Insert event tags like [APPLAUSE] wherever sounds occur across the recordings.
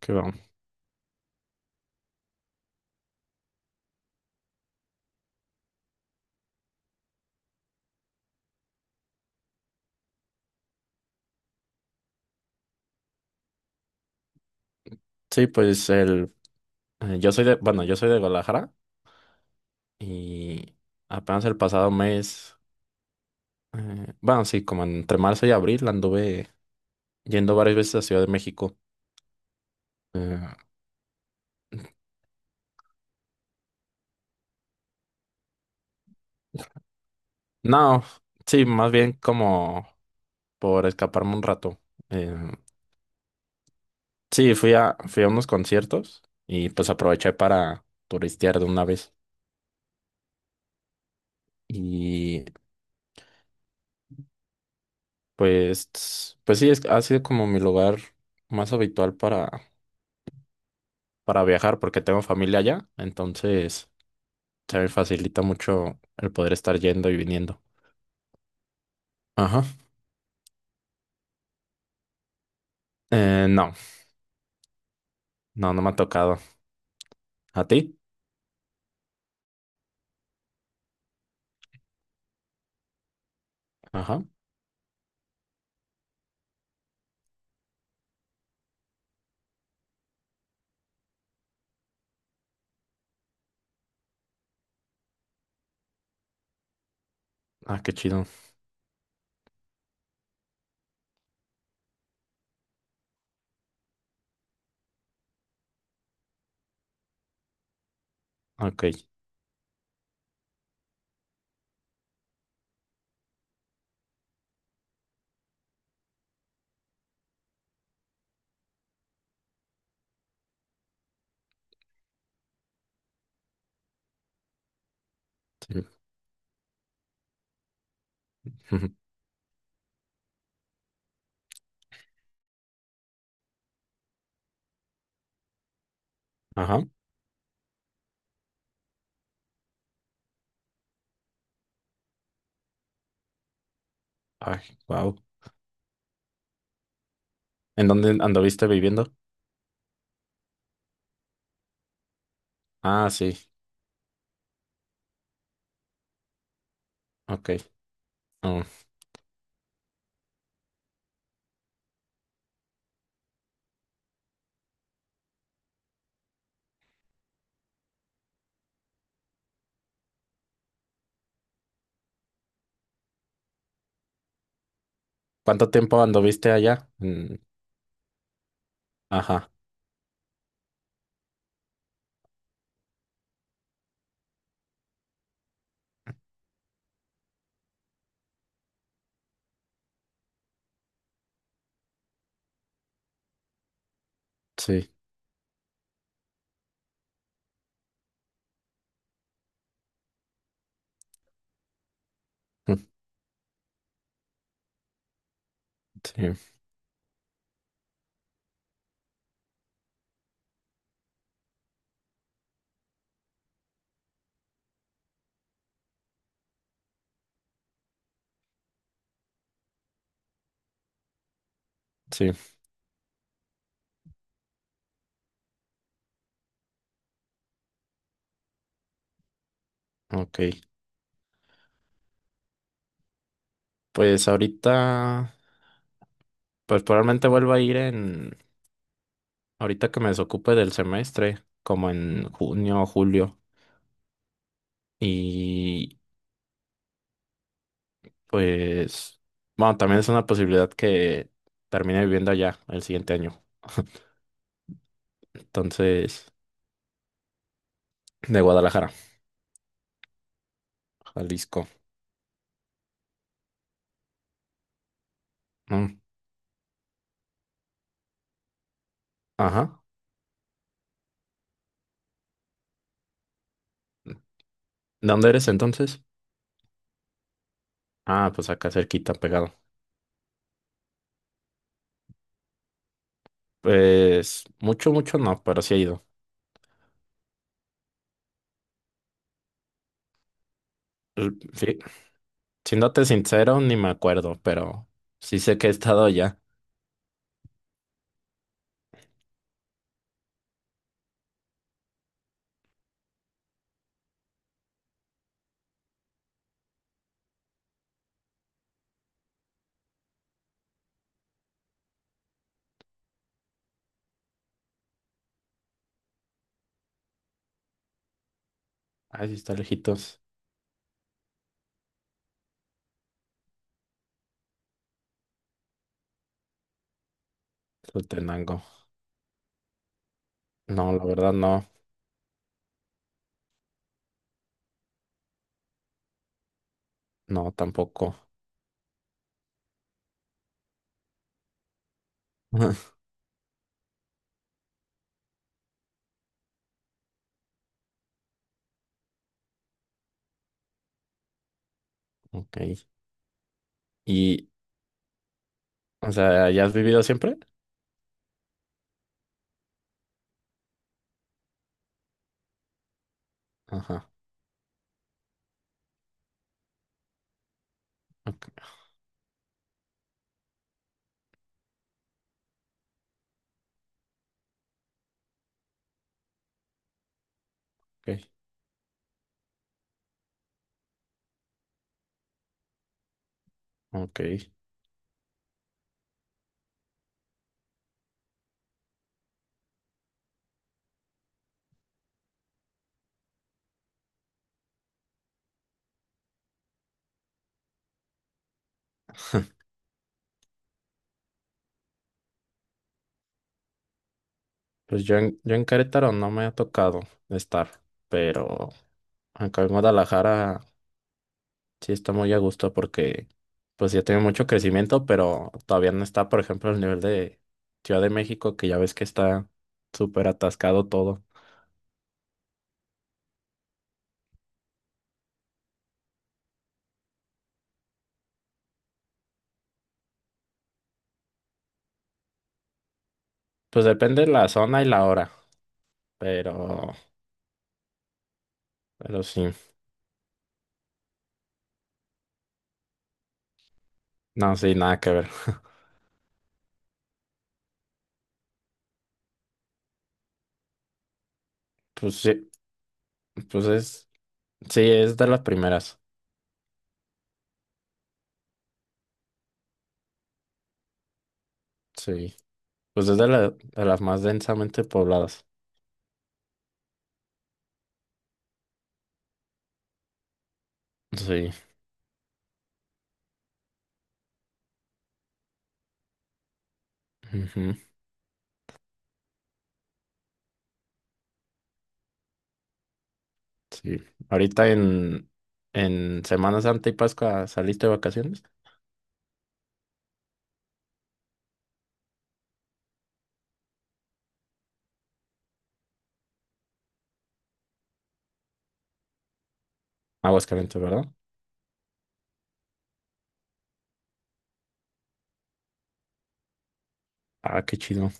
Qué bueno. Sí, pues bueno, yo soy de Guadalajara y apenas el pasado mes, bueno, sí, como entre marzo y abril anduve yendo varias veces a Ciudad de México. Eh, no, sí, más bien como por escaparme un rato. Eh, sí, fui a unos conciertos y pues aproveché para turistear de una vez. Y pues sí, ha sido como mi lugar más habitual para viajar porque tengo familia allá, entonces se me facilita mucho el poder estar yendo y viniendo. Ajá. No, no, no me ha tocado. ¿A ti? Ajá. Ah, qué chido. Ok. Sí. [LAUGHS] Ajá. Ay, wow. ¿En dónde anduviste viviendo? Ah, sí. Ok. Oh. ¿Cuánto tiempo anduviste allá? Mm. Ajá. Sí. Mm. Sí, sí. Ok. Pues ahorita, pues probablemente vuelva a ir en Ahorita que me desocupe del semestre, como en junio o julio, y pues, bueno, también es una posibilidad que termine viviendo allá el siguiente año. [LAUGHS] Entonces, de Guadalajara, Jalisco. Mm. Ajá. ¿De dónde eres entonces? Ah, pues acá cerquita, pegado. Pues mucho, mucho no, pero sí he ido. Sí, siéndote sincero, ni me acuerdo, pero sí sé que he estado allá. Ay, sí está lejitos. Tenango. No, la verdad no, no tampoco. Ajá. Ok. Y, o sea, ¿ya has vivido siempre? Ajá. Ok. Ok. Ok. Pues yo en Querétaro no me ha tocado estar, pero acá en Guadalajara sí está muy a gusto porque, pues ya tiene mucho crecimiento, pero todavía no está, por ejemplo, el nivel de Ciudad de México, que ya ves que está súper atascado todo. Pues depende de la zona y la hora, pero, pero sí. No, sí, nada que ver. Pues sí, pues es, sí, es de las primeras. Sí, pues es de las más densamente pobladas. Sí, ujú, sí. Ahorita en Semana Santa y Pascua saliste de vacaciones. Aguascalientes, ¿verdad? Ah, qué chido.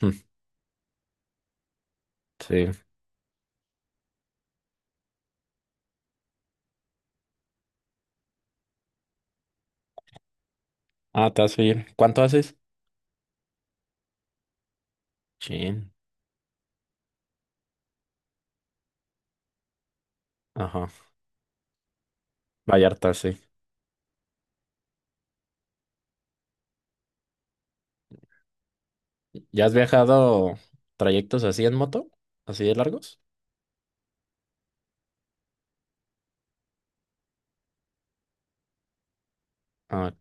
Mm. Sí. Ah, te vas a ir. ¿Cuánto haces? Chin. Ajá. Vallarta, sí. ¿Ya has viajado trayectos así en moto? ¿Así de largos? Ah,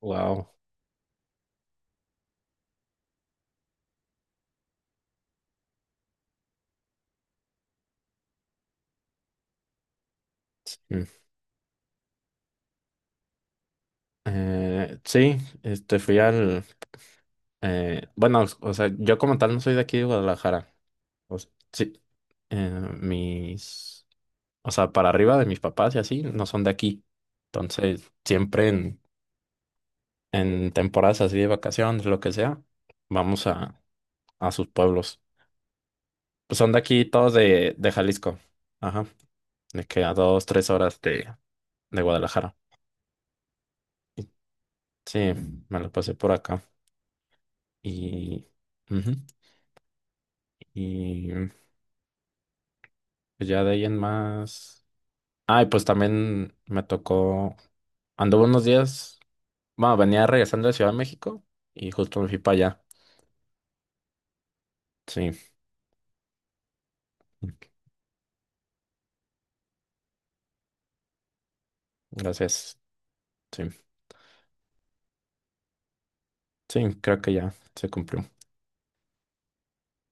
wow. Sí, mm. Sí, este fui al. Bueno, o sea, yo como tal no soy de aquí de Guadalajara. Sí, eh, mis, o sea, para arriba de mis papás y así, no son de aquí. Entonces, siempre en temporadas así de vacaciones, lo que sea, vamos a sus pueblos. Pues son de aquí todos de Jalisco. Ajá, de que a 2, 3 horas de Guadalajara. Y sí, me lo pasé por acá. Y, Ujú, y pues ya de ahí en más. Ay, pues también me tocó, anduve unos días. Bueno, venía regresando de Ciudad de México y justo me fui para allá. Sí, gracias. Sí, sí, creo que ya se cumplió.